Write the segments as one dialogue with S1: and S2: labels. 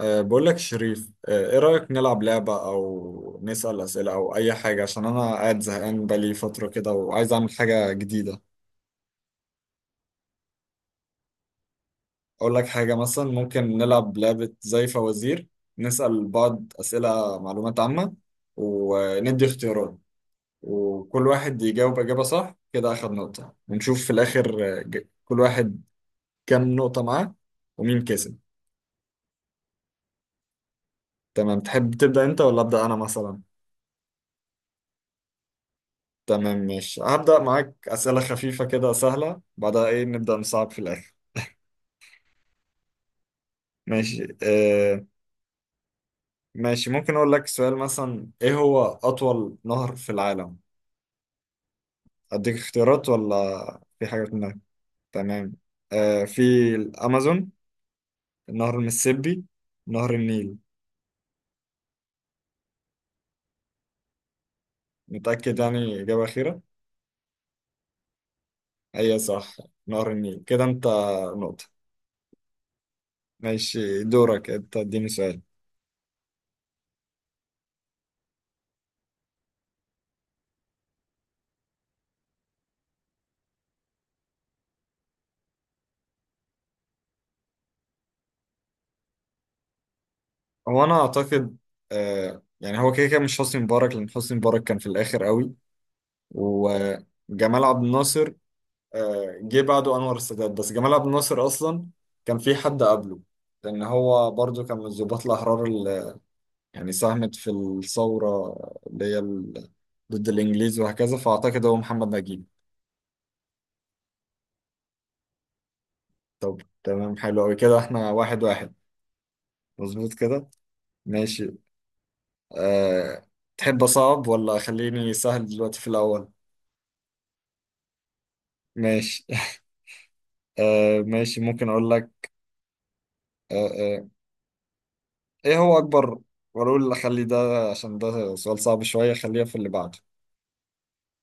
S1: بقول لك يا شريف، ايه رأيك نلعب لعبة او نسأل أسئلة او اي حاجة؟ عشان انا قاعد زهقان بقالي فترة كده وعايز اعمل حاجة جديدة. اقول لك حاجة مثلا، ممكن نلعب لعبة زي فوازير. نسأل بعض أسئلة معلومات عامة وندي اختيارات، وكل واحد يجاوب إجابة صح كده أخد نقطة، ونشوف في الآخر كل واحد كام نقطة معاه ومين كسب. تمام، تحب تبدأ انت ولا أبدأ انا مثلا؟ تمام ماشي، هبدأ معاك أسئلة خفيفة كده سهلة، بعدها إيه نبدأ نصعب في الآخر. ماشي. ماشي، ممكن أقول لك سؤال مثلا: إيه هو أطول نهر في العالم؟ أديك اختيارات ولا في حاجة في دماغك؟ تمام. في الأمازون، نهر المسيسيبي، نهر النيل. متأكد يعني؟ إجابة أخيرة؟ هي صح، نهر النيل. كده أنت نقطة. ماشي، دورك أنت، اديني سؤال. هو انا اعتقد، يعني، هو كده كده مش حسني مبارك لان حسني مبارك كان في الاخر قوي، وجمال عبد الناصر جه بعده انور السادات، بس جمال عبد الناصر اصلا كان في حد قبله، لان هو برضو كان من الضباط الاحرار اللي يعني ساهمت في الثوره اللي ضد الانجليز وهكذا، فاعتقد هو محمد نجيب. طب تمام، حلو قوي، كده احنا واحد واحد. مظبوط كده. ماشي. آه تحب اصعب ولا خليني سهل دلوقتي في الاول؟ ماشي. ماشي، ممكن اقول لك. آه آه ايه هو اكبر، واقول اخلي ده عشان ده سؤال صعب شوية، خليها في اللي بعده.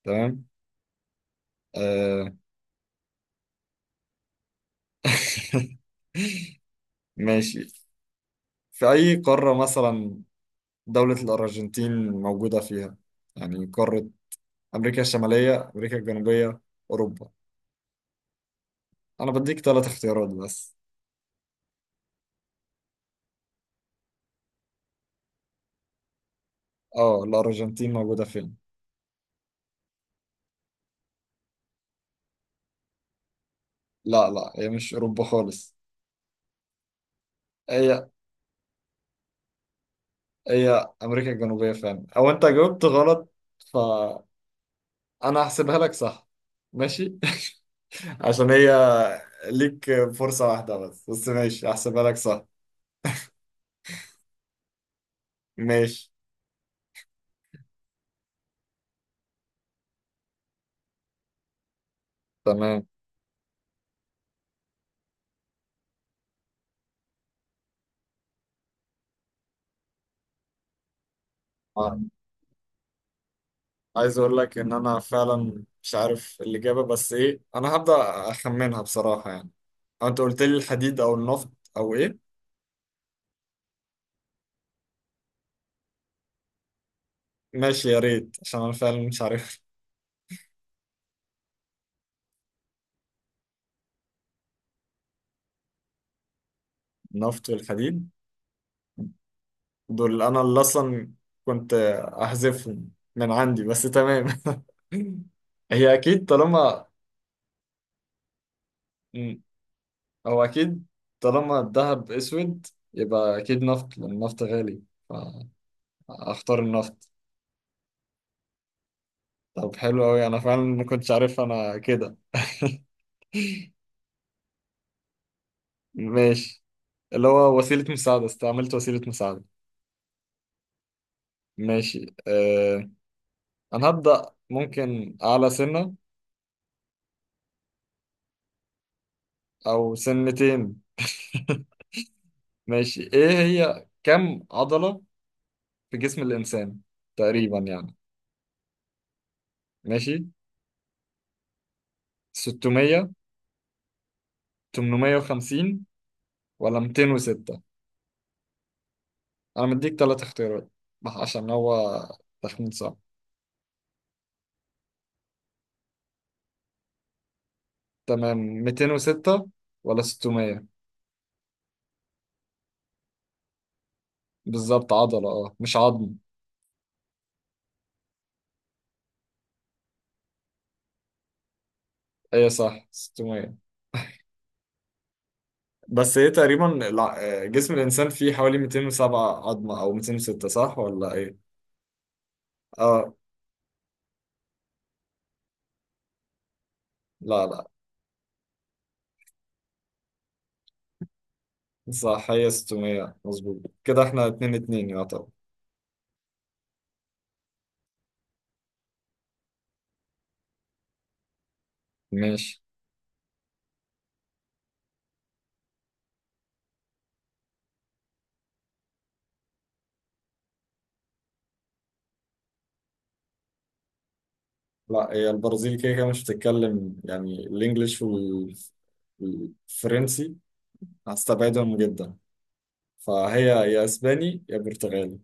S1: تمام. آه ماشي، في اي قارة مثلا دولة الارجنتين موجودة فيها؟ يعني قارة امريكا الشمالية، امريكا الجنوبية، اوروبا؟ انا بديك ثلاث اختيارات بس. اه، الارجنتين موجودة فين؟ لا لا، هي مش اوروبا خالص. هي، هي امريكا الجنوبية فعلا، او انت جاوبت غلط، ف انا هحسبها لك صح. ماشي. عشان هي ليك فرصة واحدة بس، بس ماشي هحسبها لك صح. ماشي. تمام. آه، عايز اقول لك ان انا فعلا مش عارف الاجابة، بس ايه انا هبدأ اخمنها بصراحة يعني. أو انت قلت لي الحديد او النفط او ايه؟ ماشي، يا ريت، عشان انا فعلا مش عارف. النفط والحديد، دول انا اللي اصلا كنت احذفهم من عندي، بس تمام. هي اكيد طالما، هو أكيد طالما الذهب أسود يبقى أكيد نفط، لأن النفط غالي، فأختار النفط. طب حلو أوي، أنا فعلا ما كنتش عارف أنا كده. ماشي، اللي هو وسيلة مساعدة، استعملت وسيلة مساعدة. ماشي. أه، أنا هبدأ ممكن أعلى سنة أو سنتين. ماشي، إيه هي كم عضلة في جسم الإنسان تقريبا يعني؟ ماشي، 600، 850، ولا 206؟ انا مديك ثلاث اختيارات عشان هو تخمين صعب. تمام، 206 ولا 600؟ بالظبط عضلة، اه، مش عظم. ايه، صح، 600. بس ايه، تقريبا جسم الانسان فيه حوالي 207 عظمة او 206، صح ولا ايه؟ اه. لا، صح، هي 600. مظبوط كده، احنا 2 2 يعتبر. ماشي. لا هي البرازيل كده كده مش بتتكلم يعني الانجليش والفرنسي، هستبعدهم جدا، فهي يا اسباني يا برتغالي.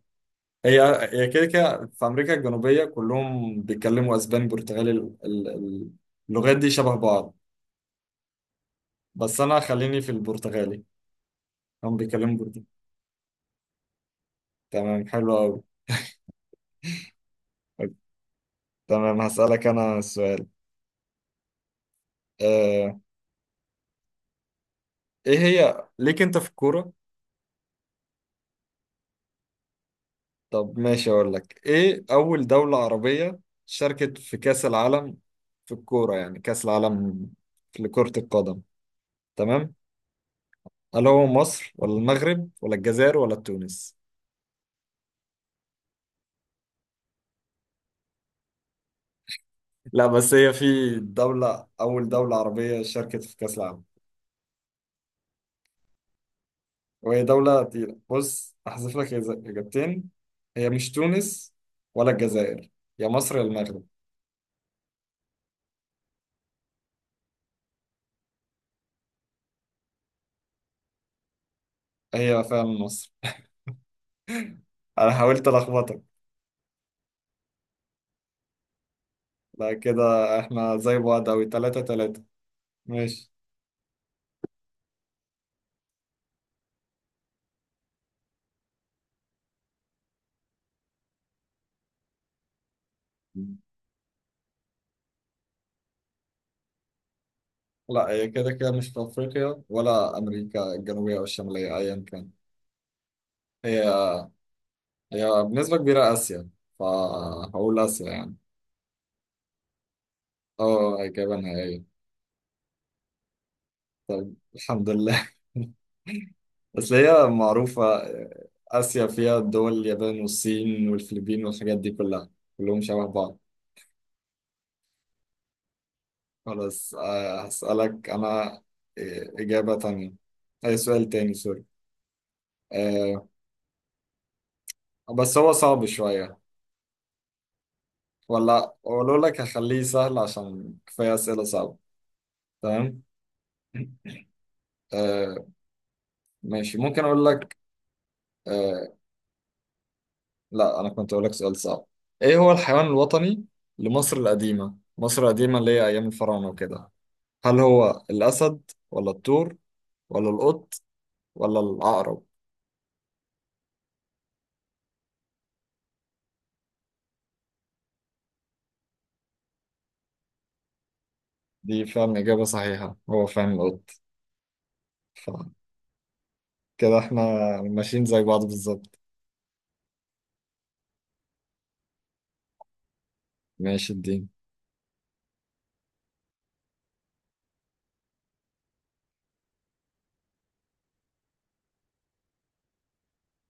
S1: هي، هي كده كده في امريكا الجنوبيه كلهم بيتكلموا اسباني برتغالي، اللغات دي شبه بعض، بس انا خليني في البرتغالي، هم بيتكلموا برتغالي. تمام، حلو قوي. تمام هسألك انا سؤال. آه، ايه هي ليك انت في الكوره؟ طب ماشي، اقول لك ايه، اول دوله عربيه شاركت في كاس العالم، في الكوره يعني، كاس العالم لكرة القدم. تمام، هل هو مصر ولا المغرب ولا الجزائر ولا تونس؟ لا، بس هي في دولة، أول دولة عربية شاركت في كأس العالم، وهي دولة تقيلة. بص، أحذف لك إجابتين. هي مش تونس ولا الجزائر، يا مصر يا المغرب. هي فعلا مصر. أنا حاولت ألخبطك. لا كده إحنا زي بعض أوي، تلاتة تلاتة. ماشي. لا هي كده كده مش في أفريقيا ولا أمريكا الجنوبية أو الشمالية، أيا كان. هي، هي بنسبة كبيرة آسيا، فهقول آسيا يعني. اه، جبنها، ايوه. طب الحمد لله. بس هي معروفة، آسيا فيها دول اليابان والصين والفلبين والحاجات دي كلها، كلهم شبه بعض. خلاص، هسألك أنا. آه، إجابة تانية، أي سؤال تاني، سوري. آه، بس هو صعب شوية، ولا أقول لك هخليه سهل عشان كفاية أسئلة صعبة. تمام. آه، ماشي، ممكن أقول لك. آه، لا انا كنت اقول لك سؤال صعب. ايه هو الحيوان الوطني لمصر القديمة؟ مصر القديمة اللي هي ايام الفراعنة وكده. هل هو الاسد ولا الطور ولا القط ولا العقرب؟ دي فعلا اجابة صحيحة، هو فعلا القط. فكده احنا ماشيين زي بعض بالظبط. ماشي الدين.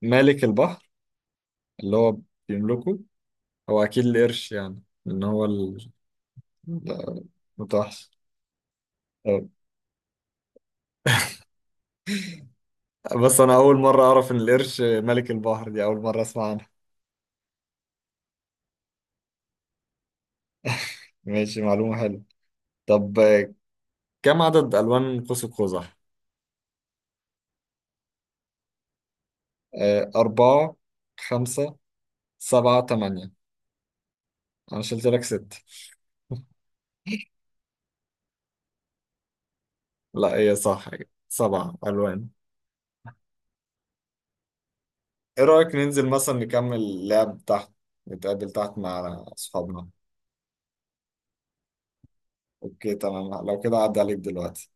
S1: مالك البحر، اللي هو بيملكه، هو اكيد القرش، يعني ان هو المتوحش. طب، بس انا اول مرة اعرف ان القرش ملك البحر، دي اول مرة اسمع عنها. ماشي، معلومة حلوة. طب، كم عدد ألوان قوس قزح؟ آه، أربعة، خمسة، سبعة، تمانية؟ أنا شلت لك ست. لا هي صح، سبع ألوان. إيه رأيك ننزل مثلا نكمل اللعب تحت، نتقابل تحت مع أصحابنا؟ أوكي تمام، لو كده عدى عليك دلوقتي.